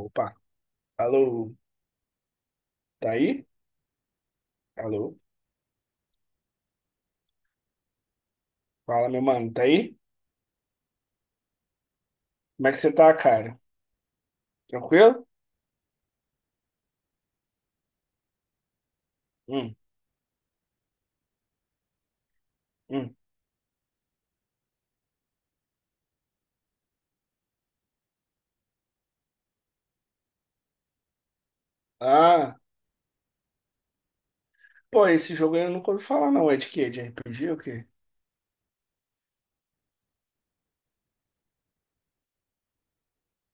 Opa, alô, tá aí? Alô, fala meu mano, tá aí? Como é que você tá, cara? Tranquilo? Hum, hum. Ah, pô, esse jogo aí eu nunca ouvi falar não, é de quê? De RPG ou o quê?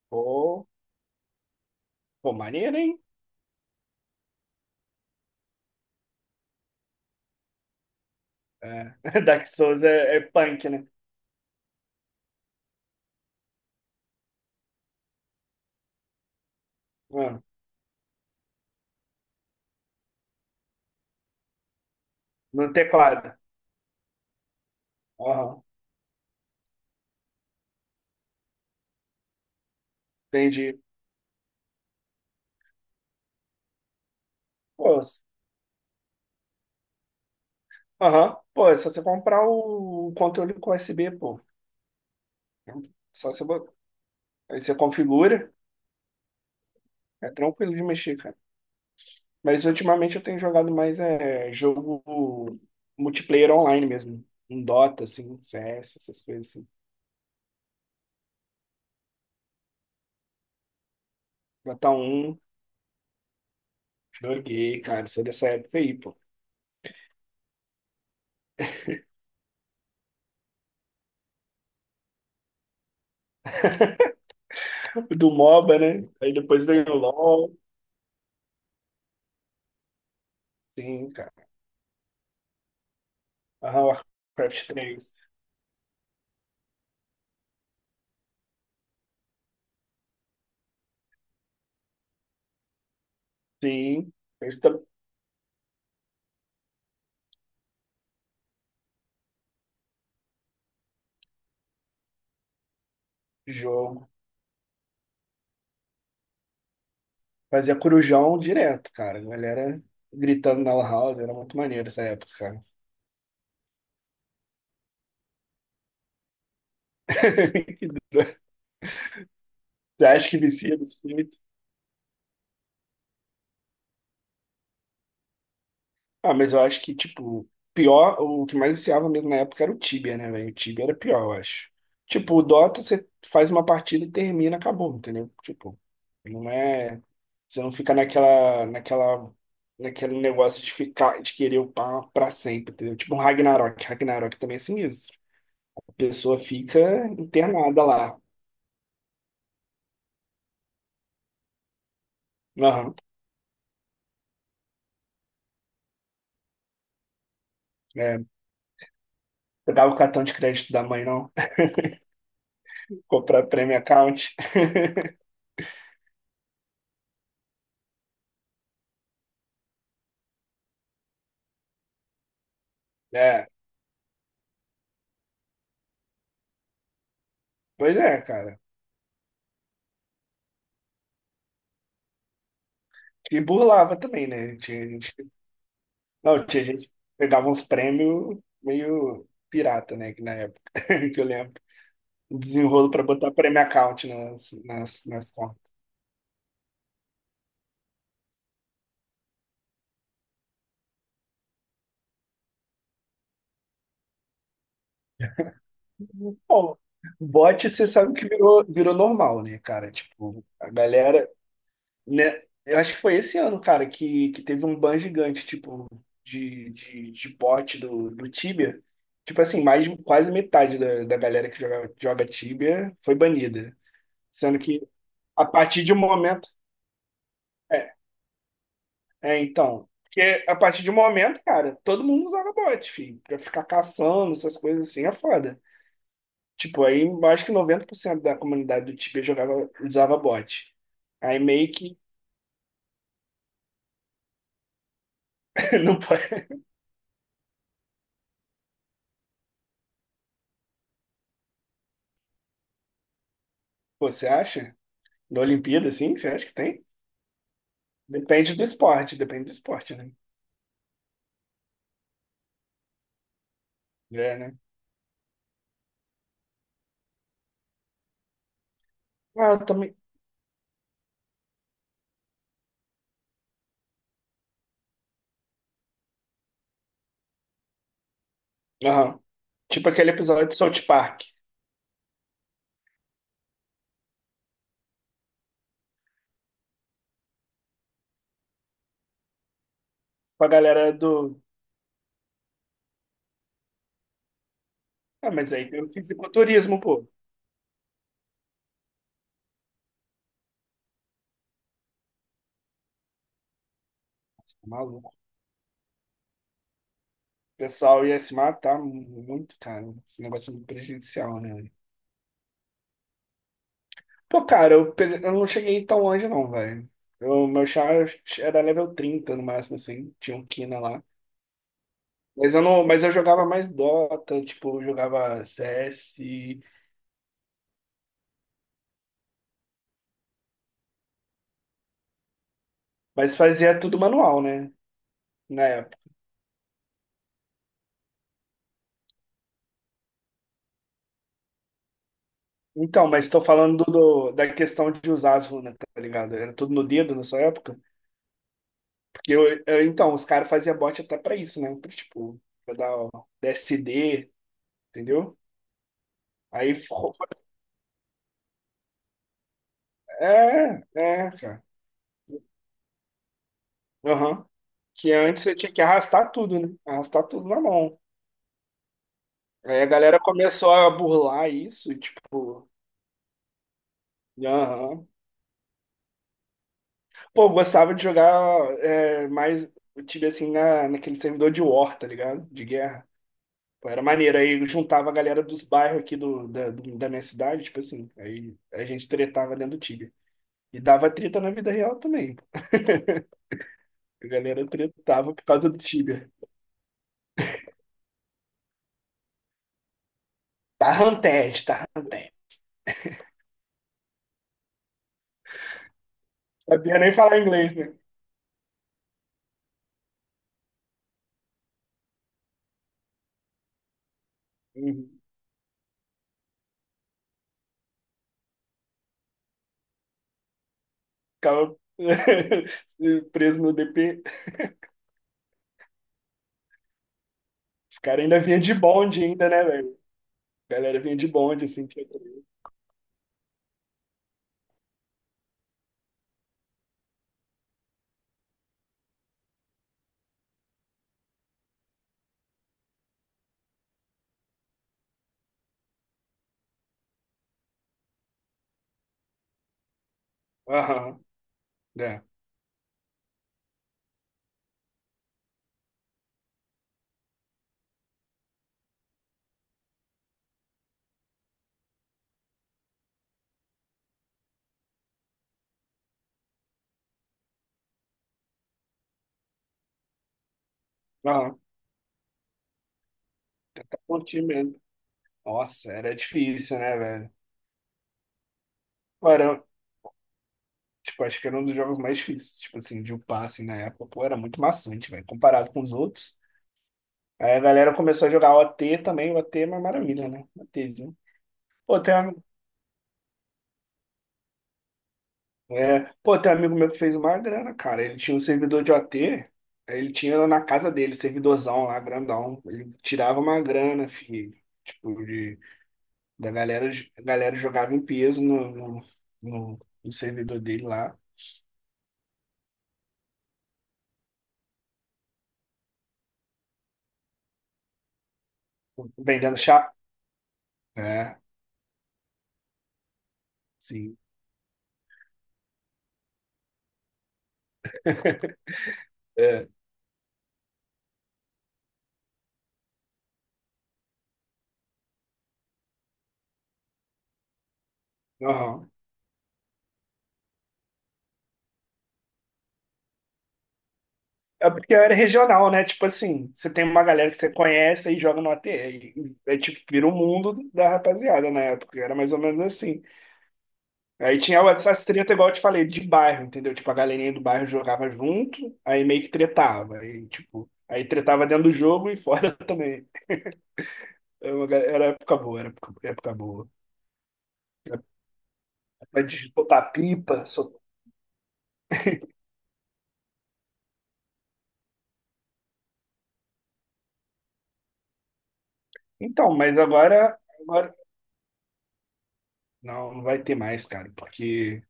Pô, pô, maneiro, hein? É. Dark Souls é punk, né? Ah, no teclado. Aham, entendi. Pô, aham, pô, é só você comprar o controle com USB, pô. Só você, aí você configura, é tranquilo de mexer. Mas ultimamente eu tenho jogado mais é, jogo multiplayer online mesmo. Um Dota, assim, CS, essas coisas assim. Dota 1, joguei, cara, sou dessa época aí, pô. Do MOBA, né? Aí depois veio o LoL. Sim, cara. Ah, Warcraft 3. Sim, eu eita jogo. Fazia corujão direto, cara. A galera gritando na lan house, era muito maneiro essa época, cara. Você acha que vicia desse jeito? Ah, mas eu acho que, tipo, pior, o que mais viciava mesmo na época era o Tibia, né, velho? O Tibia era pior, eu acho. Tipo, o Dota, você faz uma partida e termina, acabou, entendeu? Tipo, não é. Você não fica naquela, naquela, naquele negócio de ficar, de querer upar pra sempre, entendeu? Tipo, um Ragnarok. Ragnarok também é sinistro. A pessoa fica internada lá. Aham. É, pegava o cartão de crédito da mãe, não? Comprar premium account. É, pois é, cara. E burlava também, né? Tinha gente, não, tinha gente que pegava uns prêmios meio pirata, né? Que na época, que eu lembro. Um Desenrolo pra botar prêmio account nas contas. Bom, bot, você sabe que virou normal, né, cara? Tipo, a galera, né? Eu acho que foi esse ano, cara, que teve um ban gigante, tipo, de bot do Tibia. Tipo assim, mais, quase metade da galera que joga Tibia foi banida. Sendo que a partir de um momento. É, é, então. Porque a partir de um momento, cara, todo mundo usava bot, filho. Pra ficar caçando, essas coisas assim, é foda. Tipo, aí eu acho que 90% da comunidade do Tibia jogava, usava bot. Aí meio que não pode. Pô, você acha? Na Olimpíada, assim, você acha que tem? Depende do esporte, né? É, né? Ah, eu também. Aham. Tipo aquele episódio de South Park. Com a galera do. Ah, mas aí tem o fisiculturismo, pô. Você tá maluco. O pessoal ia se matar muito, cara. Esse negócio é muito prejudicial, né? Pô, cara, eu, eu não cheguei tão longe, não, velho. O meu char era level 30 no máximo, assim. Tinha um Kina lá. Mas eu não, mas eu jogava mais Dota, tipo, eu jogava CS, mas fazia tudo manual, né? Na época. Então, mas tô falando do, da questão de usar as runas, tá ligado? Era tudo no dedo na sua época. Porque então, os caras faziam bot até pra isso, né? Pra, tipo, pra dar o DSD, entendeu? Aí, é, cara. Aham. Que antes você tinha que arrastar tudo, né? Arrastar tudo na mão. Aí a galera começou a burlar isso, tipo, aham. Pô, eu gostava de jogar é, mais, eu tive assim, naquele servidor de war, tá ligado? De guerra. Pô, era maneiro. Aí eu juntava a galera dos bairros aqui da minha cidade, tipo assim. Aí a gente tretava dentro do Tibia. E dava treta na vida real também. A galera tretava por causa do Tibia. Tá ranted, tá sabia nem falar inglês, né? Uhum. Ficava preso no DP. Os caras ainda vinha de bonde ainda, né, velho? A galera vinha de bonde, assim. Tinha. Aham, é. Aham, tá curtindo mesmo. Nossa, era difícil, né, velho? Pô, era, tipo, acho que era um dos jogos mais difíceis, tipo assim, de upar, assim, na época. Pô, era muito maçante, velho, comparado com os outros. Aí a galera começou a jogar OT também, o OT é uma maravilha, né? OTzinho. Pô, tem, é, pô, tem um amigo meu que fez uma grana, cara. Ele tinha um servidor de OT, aí ele tinha na casa dele, servidorzão lá, grandão. Ele tirava uma grana, filho. Tipo, de, da galera, a galera jogava em peso no, no- no servidor dele lá, vendendo chá. É, sim. É, aham. É porque era regional, né? Tipo assim, você tem uma galera que você conhece e joga no OT. E é tipo, vira o mundo da rapaziada na época. Era mais ou menos assim. Aí tinha essas treta, igual eu te falei, de bairro, entendeu? Tipo, a galerinha do bairro jogava junto, aí meio que tretava. Aí, tipo, aí tretava dentro do jogo e fora também. Era época boa, era época, época boa. Época botar pipa. Então, mas agora. Não, não vai ter mais, cara, porque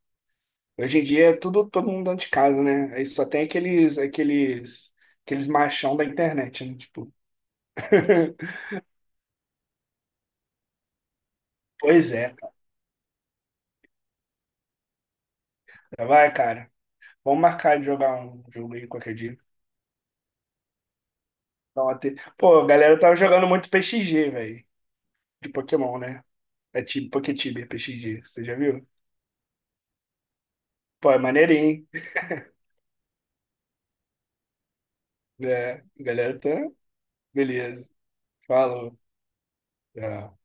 hoje em dia é tudo todo mundo dentro de casa, né? Aí só tem aqueles machão da internet, né? Tipo. Pois é, cara. Vai, cara. Vamos marcar de jogar um jogo aí qualquer dia. Ontem. Pô, a galera tava jogando muito PXG, velho. De Pokémon, né? É tipo Poketibe, é PXG. Você já viu? Pô, é maneirinho. É, a galera tá. Beleza. Falou. Tchau.